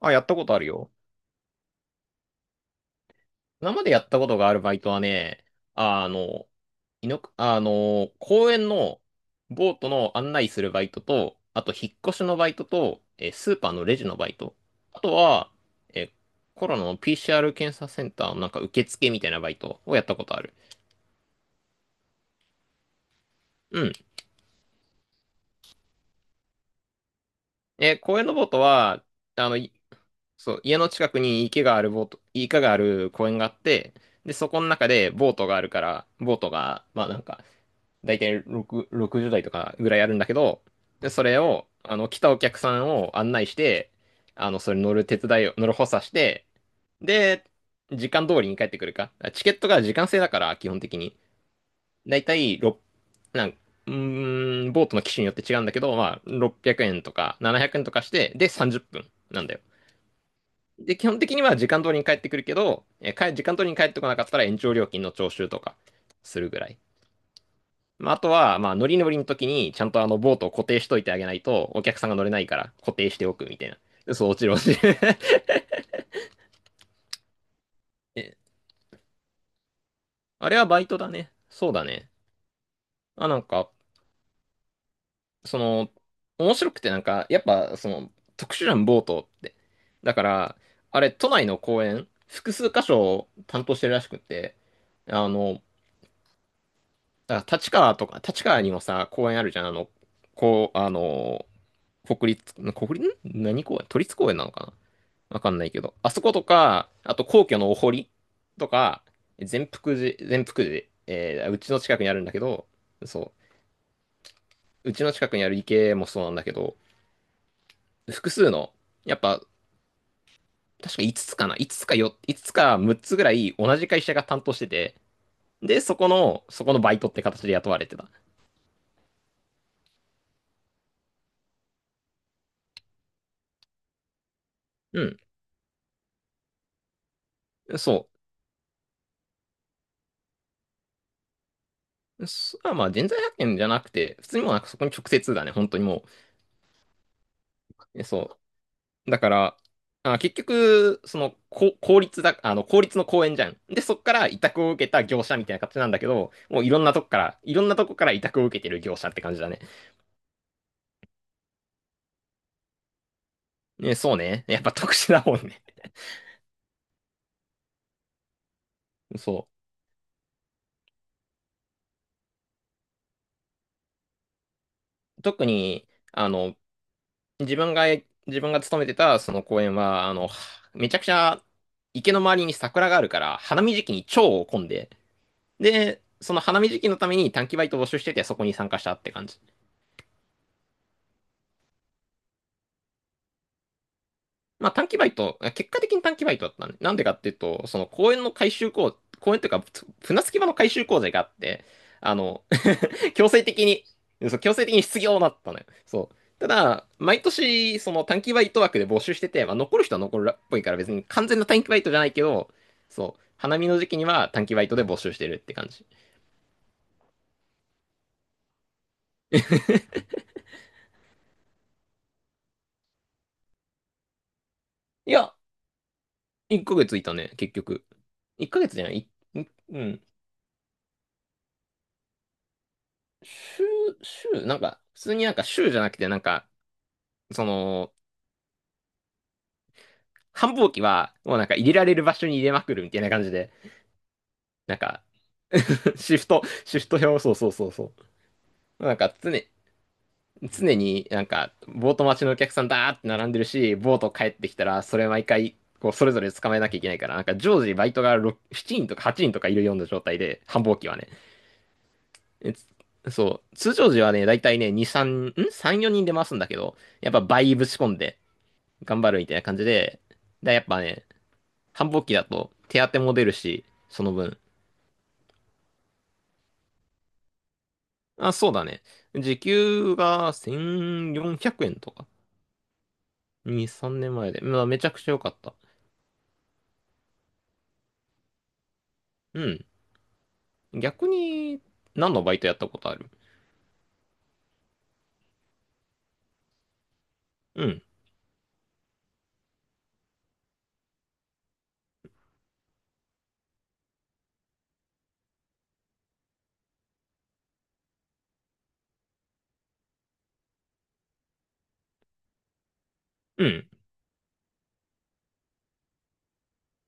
あ、やったことあるよ。今までやったことがあるバイトはね、あの、いの、あの、公園のボートの案内するバイトと、あと引っ越しのバイトと、スーパーのレジのバイト。あとは、えーコロナの PCR 検査センターのなんか受付みたいなバイトをやったことある。うん。公園のボートは、あの、いそう、家の近くに池がある公園があって、で、そこの中でボートがあるから、ボートが、まあなんか、大体6、60代とかぐらいあるんだけど、で、それを、あの、来たお客さんを案内して、あの、それ乗る手伝いを、乗る補佐して、で、時間通りに帰ってくるか。チケットが時間制だから、基本的に。だいたいろくなんうーん、ボートの機種によって違うんだけど、まあ、600円とか700円とかして、で、30分なんだよ。で、基本的には時間通りに帰ってくるけど、時間通りに帰ってこなかったら延長料金の徴収とかするぐらい。まあ、あとは、まあ、乗りの時に、ちゃんとあの、ボートを固定しといてあげないと、お客さんが乗れないから、固定しておくみたいな。嘘、落ちる落ちる。 え、あれはバイトだね。そうだね。あ、なんか、その、面白くてなんか、やっぱ、その、特殊じゃん、ボートって。だから、あれ、都内の公園、複数箇所を担当してるらしくって、あの、立川とか、立川にもさ、公園あるじゃん、あの、こう、あの、国立、何公園都立公園なのかな、わかんないけど。あそことか、あと皇居のお堀とか、善福寺、うちの近くにあるんだけど、そう、うちの近くにある池もそうなんだけど、複数の、やっぱ、確か5つつかな ?5 つつかよ、5つつか6つぐらい同じ会社が担当してて、で、そこのバイトって形で雇われてた。うん、そう。まあ、人材派遣じゃなくて、普通にもうなんかそこに直接だね、本当にもう。そう、だから、あ、結局、その、こ公立だ、あの、公立の公園じゃん。で、そっから委託を受けた業者みたいな形なんだけど、もういろんなとこから委託を受けてる業者って感じだね。ね、そうね。やっぱ特殊だもんね。そう。特に、あの、自分が、自分が勤めてたその公園は、あの、めちゃくちゃ池の周りに桜があるから、花見時期に蝶を混んで、で、その花見時期のために短期バイトを募集してて、そこに参加したって感じ。まあ短期バイト、結果的に短期バイトだったね。なんでかっていうと、その公園の改修工、公園というか、船着き場の改修工事があって、あの、強制的に、そう、強制的に失業になったのよ。そう。ただ、毎年、その短期バイト枠で募集してて、まあ残る人は残るっぽいから別に完全な短期バイトじゃないけど、そう、花見の時期には短期バイトで募集してるって感じ。いや、1ヶ月いたね、結局。1ヶ月じゃない、うん。週、なんか、普通になんか週じゃなくて、なんか、その、繁忙期は、もうなんか入れられる場所に入れまくるみたいな感じで、なんか、シフト表、そうそうそうそう。常になんか、ボート待ちのお客さんだーって並んでるし、ボート帰ってきたら、それ毎回、こう、それぞれ捕まえなきゃいけないから、なんか常時バイトが6 7人とか8人とかいるような状態で、繁忙期はね。えつそう、通常時はね、だいたいね、2、3、ん ?3、4人で回すんだけど、やっぱ倍ぶち込んで頑張るみたいな感じで、やっぱね、繁忙期だと手当も出るし、その分。あ、そうだね。時給が1400円とか。2、3年前で。まあ、めちゃくちゃ良かった。うん。逆に、何のバイトやったことある？うん。うん。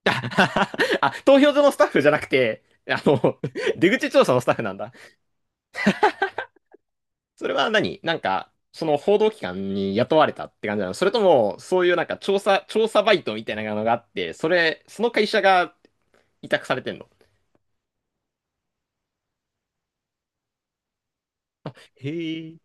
あ、投票所のスタッフじゃなくて、あの、出口調査のスタッフなんだ。それはなんか、その報道機関に雇われたって感じなの、それとも、そういうなんか調査バイトみたいなのがあって、それ、その会社が委託されてんの？へえ。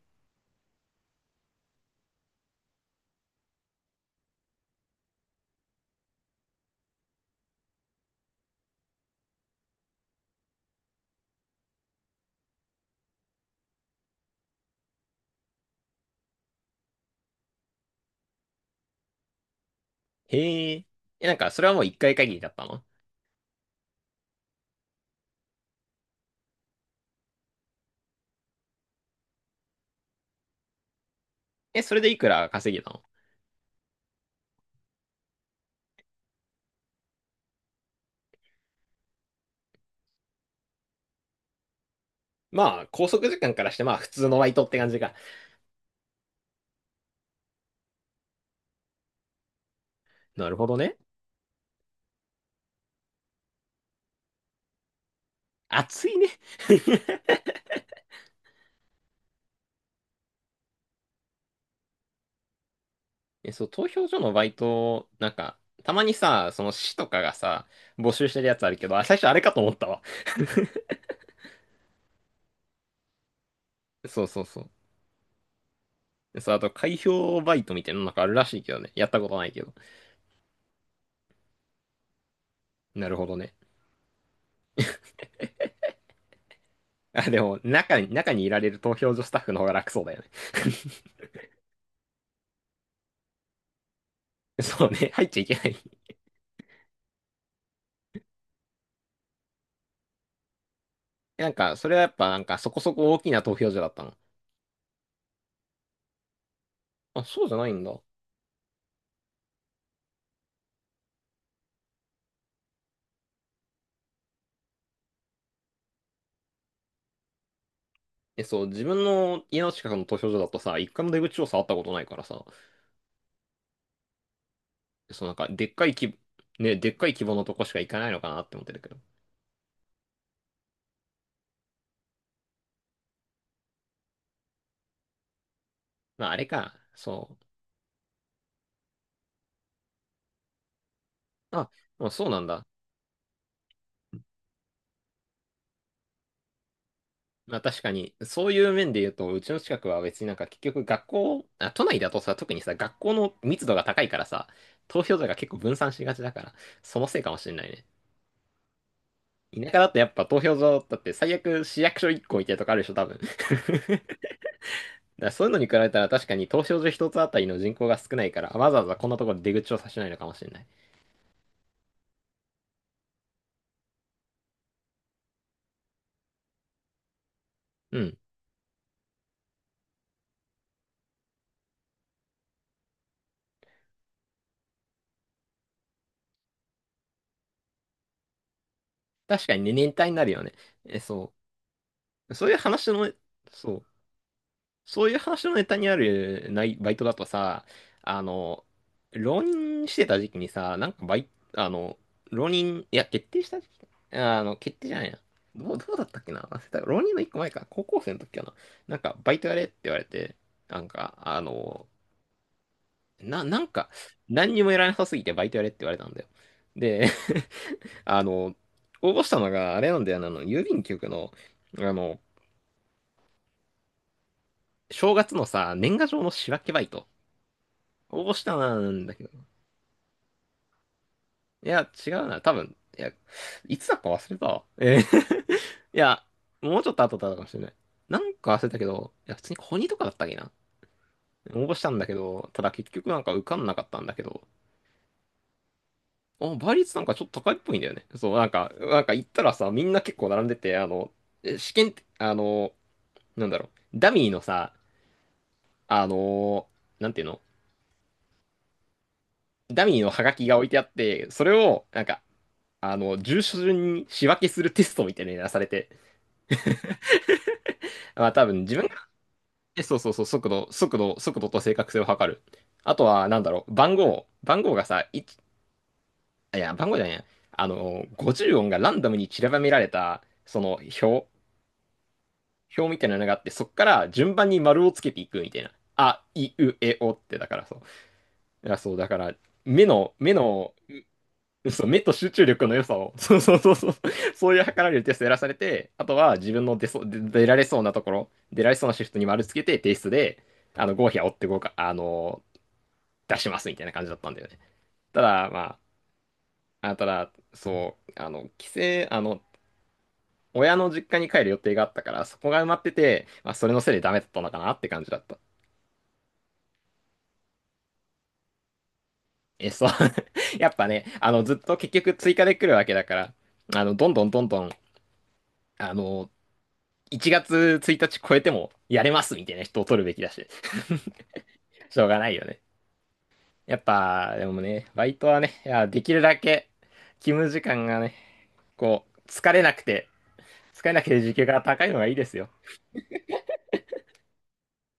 へえ。え、なんか、それはもう一回限りだったの？え、それでいくら稼げたの？まあ、拘束時間からして、まあ、普通のバイトって感じか。なるほどね。熱いね。え、そう、投票所のバイト、なんか、たまにさ、その市とかがさ、募集してるやつあるけど、あ、最初あれかと思ったわ。そうそうそう。で、そう、あと、開票バイトみたいなのなんかあるらしいけどね。やったことないけど。なるほどね。あ、でも、中にいられる投票所スタッフの方が楽そうだよね。そうね、入っちゃいけない。なんか、それはやっぱなんかそこそこ大きな投票所だったの？あ、そうじゃないんだ。え、そう、自分の家の近くの投票所だとさ、一回も出口を触ったことないからさ、そうなんか、でっかい規ね、でっかい規模のとこしか行かないのかなって思ってるけど。まあ、あれか、そう。あ、まあ、そうなんだ。まあ、確かに、そういう面で言うと、うちの近くは別になんか結局学校、あ、都内だとさ、特にさ、学校の密度が高いからさ、投票所が結構分散しがちだから、そのせいかもしれないね。田舎だとやっぱ投票所だって最悪市役所1個みたいなとこあるでしょ、多分。だからそういうのに比べたら確かに投票所1つあたりの人口が少ないから、わざわざこんなところで出口をさせないのかもしれない。うん。確かにね、年単になるよね。え、そう。そういう話の、そう。そういう話のネタにあるないバイトだとさ、あの、浪人してた時期にさ、なんかバイ、あの、浪人、いや、決定した時期、あの、決定じゃないな。どうだったっけな、忘れた。浪人の一個前か。高校生の時かな。なんか、バイトやれって言われて、なんか、あの、なんか、何にもやらなさすぎてバイトやれって言われたんだよ。で、あの、応募したのが、あれなんだよな、あの、郵便局の、あの、正月のさ、年賀状の仕分けバイト。応募したんだけど、いや、違うな。多分、いや、いつだか忘れたわ。いや、もうちょっと後だったかもしれない。なんか忘れたけど、いや、普通にコニーとかだったっけな。応募したんだけど、ただ結局なんか受かんなかったんだけど、あ、倍率なんかちょっと高いっぽいんだよね。そう、なんか、なんか行ったらさ、みんな結構並んでて、あの、試験って、あの、なんだろう、ダミーのさ、あの、なんていうのダミーのハガキが置いてあって、それを、なんか、あの、住所順に仕分けするテストみたいなのやらされて、まあ多分自分え、そうそうそう、速度と正確性を測る。あとは、なんだろう、番号がさ、いち、あいや、番号じゃないや。あの、50音がランダムに散らばめられた、表、表みたいなのがあって、そっから順番に丸をつけていくみたいな。あ、い、う、え、おって、だからそう。いや、そう、だから、目の、そう、目と集中力の良さを、そうそうそうそう、そういう測られるテストやらされて、あとは自分の出そう、出出られそうなところ、出られそうなシフトに丸つけて、提出で、あの、合否は追ってこうか、あの出しますみたいな感じだったんだよね。ただ、まあ、ただ、そう、あの、親の実家に帰る予定があったから、そこが埋まってて、まあ、それのせいでダメだったのかなって感じだった。え、そう。やっぱね、あの、ずっと結局追加で来るわけだから、あの、どんどんどんどん、あの、1月1日超えてもやれますみたいな人を取るべきだし、しょうがないよね。やっぱ、でもね、バイトはね、いや、できるだけ勤務時間がね、こう、疲れなくて、使えなきゃ時給が高いのがいいですよ。